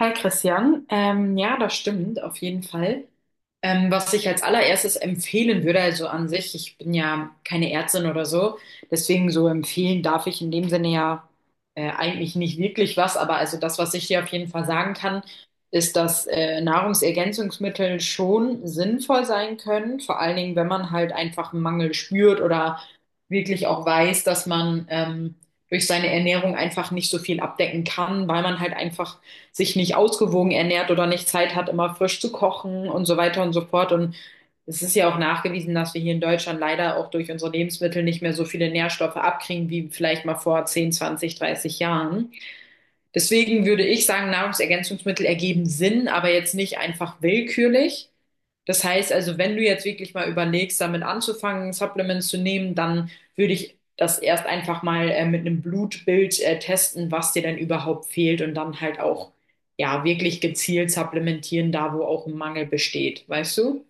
Hi Christian, ja, das stimmt auf jeden Fall. Was ich als allererstes empfehlen würde, also an sich, ich bin ja keine Ärztin oder so, deswegen so empfehlen darf ich in dem Sinne ja eigentlich nicht wirklich was, aber also das, was ich dir auf jeden Fall sagen kann, ist, dass Nahrungsergänzungsmittel schon sinnvoll sein können, vor allen Dingen, wenn man halt einfach einen Mangel spürt oder wirklich auch weiß, dass man durch seine Ernährung einfach nicht so viel abdecken kann, weil man halt einfach sich nicht ausgewogen ernährt oder nicht Zeit hat, immer frisch zu kochen und so weiter und so fort. Und es ist ja auch nachgewiesen, dass wir hier in Deutschland leider auch durch unsere Lebensmittel nicht mehr so viele Nährstoffe abkriegen wie vielleicht mal vor 10, 20, 30 Jahren. Deswegen würde ich sagen, Nahrungsergänzungsmittel ergeben Sinn, aber jetzt nicht einfach willkürlich. Das heißt also, wenn du jetzt wirklich mal überlegst, damit anzufangen, Supplements zu nehmen, dann würde ich das erst einfach mal mit einem Blutbild testen, was dir denn überhaupt fehlt und dann halt auch ja wirklich gezielt supplementieren, da wo auch ein Mangel besteht, weißt du?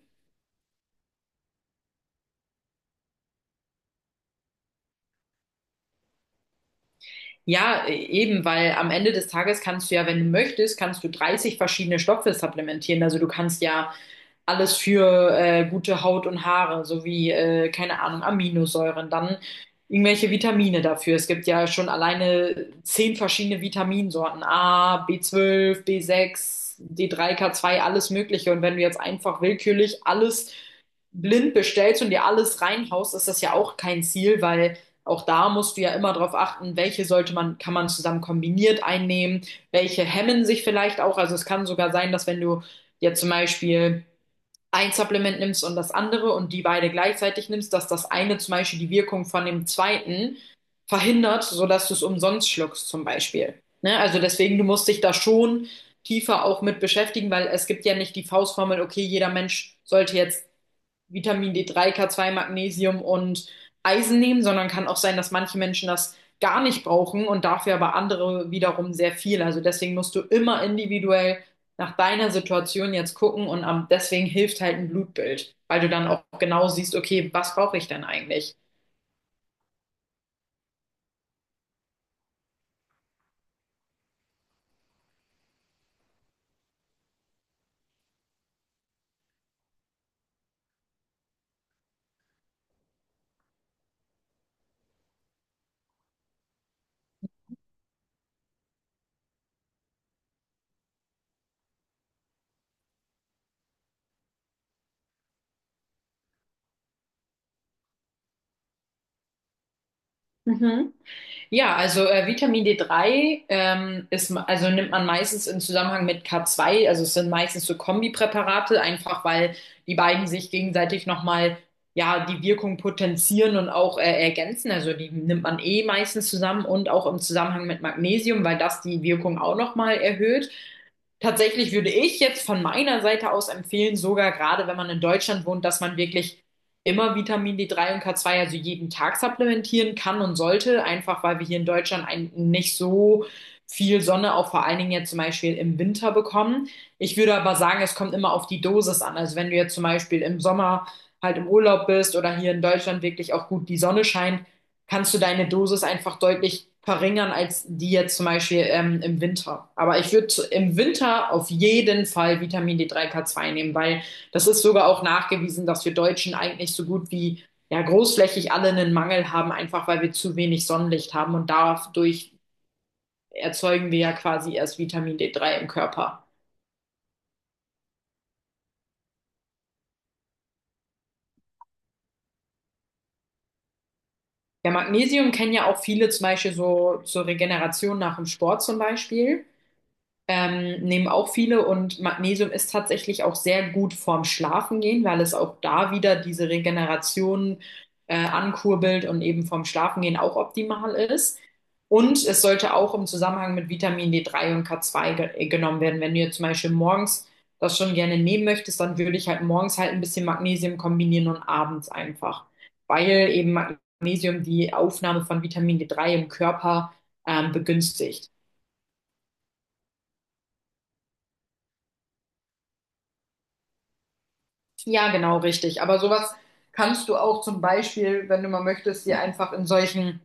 Ja, eben, weil am Ende des Tages kannst du ja, wenn du möchtest, kannst du 30 verschiedene Stoffe supplementieren. Also du kannst ja alles für gute Haut und Haare, sowie, keine Ahnung, Aminosäuren, dann irgendwelche Vitamine dafür. Es gibt ja schon alleine 10 verschiedene Vitaminsorten. A, B12, B6, D3, K2, alles Mögliche. Und wenn du jetzt einfach willkürlich alles blind bestellst und dir alles reinhaust, ist das ja auch kein Ziel, weil auch da musst du ja immer darauf achten, welche sollte man, kann man zusammen kombiniert einnehmen, welche hemmen sich vielleicht auch. Also es kann sogar sein, dass, wenn du jetzt zum Beispiel ein Supplement nimmst und das andere und die beide gleichzeitig nimmst, dass das eine zum Beispiel die Wirkung von dem zweiten verhindert, sodass du es umsonst schluckst zum Beispiel. Ne? Also deswegen, du musst dich da schon tiefer auch mit beschäftigen, weil es gibt ja nicht die Faustformel, okay, jeder Mensch sollte jetzt Vitamin D3, K2, Magnesium und Eisen nehmen, sondern kann auch sein, dass manche Menschen das gar nicht brauchen und dafür aber andere wiederum sehr viel. Also deswegen musst du immer individuell nach deiner Situation jetzt gucken und deswegen hilft halt ein Blutbild, weil du dann auch genau siehst, okay, was brauche ich denn eigentlich? Mhm. Ja, also Vitamin D3, also nimmt man meistens im Zusammenhang mit K2, also es sind meistens so Kombipräparate, einfach weil die beiden sich gegenseitig nochmal, ja, die Wirkung potenzieren und auch ergänzen. Also die nimmt man eh meistens zusammen und auch im Zusammenhang mit Magnesium, weil das die Wirkung auch nochmal erhöht. Tatsächlich würde ich jetzt von meiner Seite aus empfehlen, sogar gerade wenn man in Deutschland wohnt, dass man wirklich immer Vitamin D3 und K2, also jeden Tag, supplementieren kann und sollte, einfach weil wir hier in Deutschland nicht so viel Sonne, auch vor allen Dingen jetzt zum Beispiel im Winter, bekommen. Ich würde aber sagen, es kommt immer auf die Dosis an. Also wenn du jetzt zum Beispiel im Sommer halt im Urlaub bist oder hier in Deutschland wirklich auch gut die Sonne scheint, kannst du deine Dosis einfach deutlich verringern als die jetzt zum Beispiel im Winter. Aber ich würde im Winter auf jeden Fall Vitamin D3 K2 nehmen, weil das ist sogar auch nachgewiesen, dass wir Deutschen eigentlich so gut wie ja großflächig alle einen Mangel haben, einfach weil wir zu wenig Sonnenlicht haben und dadurch erzeugen wir ja quasi erst Vitamin D3 im Körper. Ja, Magnesium kennen ja auch viele zum Beispiel so zur Regeneration nach dem Sport zum Beispiel. Nehmen auch viele und Magnesium ist tatsächlich auch sehr gut vorm Schlafengehen, weil es auch da wieder diese Regeneration ankurbelt und eben vorm Schlafengehen auch optimal ist. Und es sollte auch im Zusammenhang mit Vitamin D3 und K2 ge genommen werden. Wenn du jetzt zum Beispiel morgens das schon gerne nehmen möchtest, dann würde ich halt morgens halt ein bisschen Magnesium kombinieren und abends einfach, weil eben Magnesium die Aufnahme von Vitamin D3 im Körper begünstigt. Ja, genau, richtig. Aber sowas kannst du auch zum Beispiel, wenn du mal möchtest, dir einfach in solchen,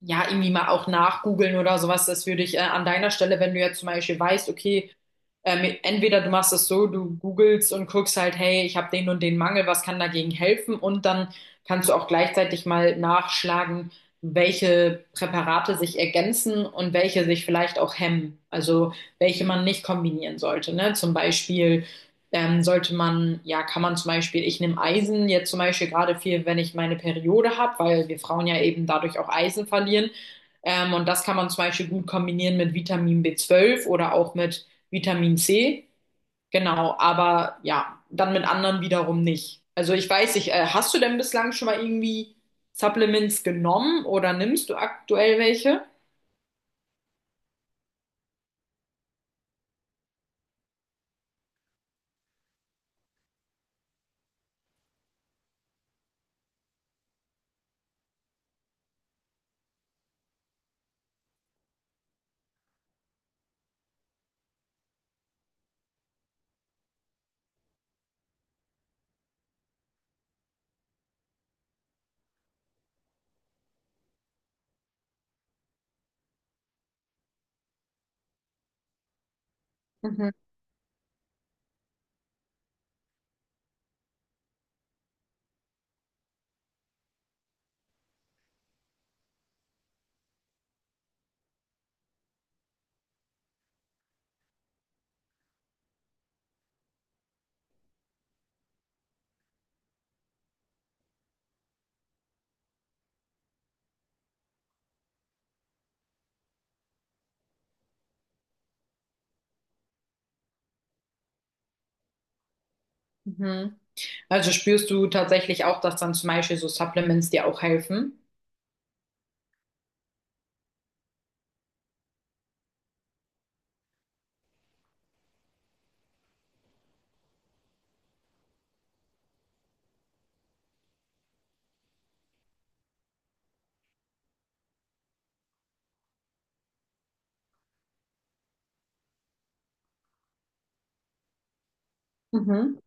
ja, irgendwie mal auch nachgoogeln oder sowas. Das würde ich an deiner Stelle, wenn du jetzt zum Beispiel weißt, okay, entweder du machst es so, du googelst und guckst halt, hey, ich habe den und den Mangel, was kann dagegen helfen? Und dann kannst du auch gleichzeitig mal nachschlagen, welche Präparate sich ergänzen und welche sich vielleicht auch hemmen. Also welche man nicht kombinieren sollte, ne? Zum Beispiel sollte man, ja, kann man zum Beispiel, ich nehme Eisen jetzt zum Beispiel gerade viel, wenn ich meine Periode habe, weil wir Frauen ja eben dadurch auch Eisen verlieren. Und das kann man zum Beispiel gut kombinieren mit Vitamin B12 oder auch mit Vitamin C. Genau, aber ja, dann mit anderen wiederum nicht. Also ich weiß nicht, hast du denn bislang schon mal irgendwie Supplements genommen oder nimmst du aktuell welche? Mhm. Mhm. Also spürst du tatsächlich auch, dass dann zum Beispiel so Supplements dir auch helfen? Mhm.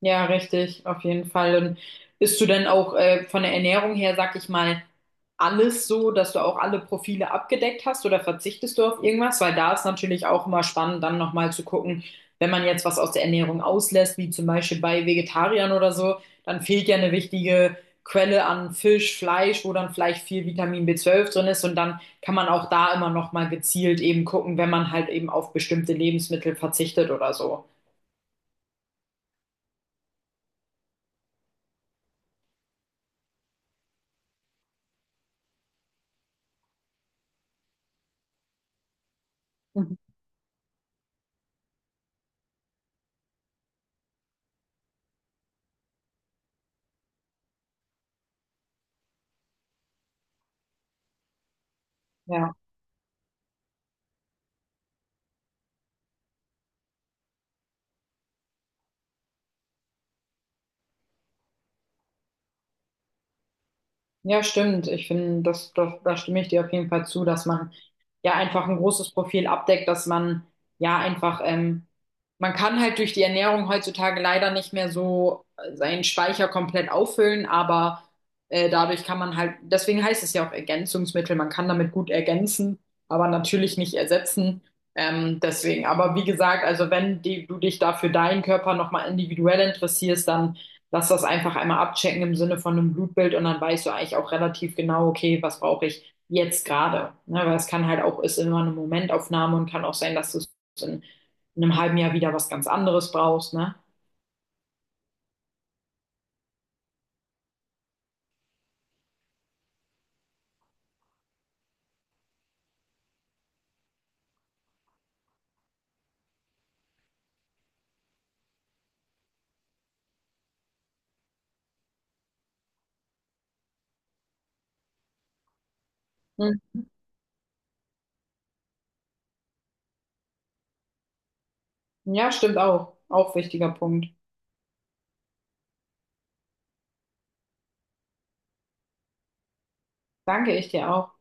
Ja, richtig, auf jeden Fall. Und isst du denn auch von der Ernährung her, sag ich mal, alles so, dass du auch alle Profile abgedeckt hast oder verzichtest du auf irgendwas? Weil da ist natürlich auch immer spannend, dann nochmal zu gucken, wenn man jetzt was aus der Ernährung auslässt, wie zum Beispiel bei Vegetariern oder so, dann fehlt ja eine wichtige Quelle an Fisch, Fleisch, wo dann vielleicht viel Vitamin B12 drin ist und dann kann man auch da immer nochmal gezielt eben gucken, wenn man halt eben auf bestimmte Lebensmittel verzichtet oder so. Mhm. Ja. Ja, stimmt. Ich finde, da stimme ich dir auf jeden Fall zu, dass man ja einfach ein großes Profil abdeckt, dass man ja einfach, man kann halt durch die Ernährung heutzutage leider nicht mehr so seinen Speicher komplett auffüllen, aber dadurch kann man halt, deswegen heißt es ja auch Ergänzungsmittel, man kann damit gut ergänzen, aber natürlich nicht ersetzen. Deswegen, aber wie gesagt, also wenn die, du dich da für deinen Körper nochmal individuell interessierst, dann lass das einfach einmal abchecken im Sinne von einem Blutbild und dann weißt du eigentlich auch relativ genau, okay, was brauche ich jetzt gerade. Ne? Weil es kann halt auch, ist immer eine Momentaufnahme und kann auch sein, dass du es in, einem halben Jahr wieder was ganz anderes brauchst. Ne? Hm. Ja, stimmt auch. Auch wichtiger Punkt. Danke ich dir auch.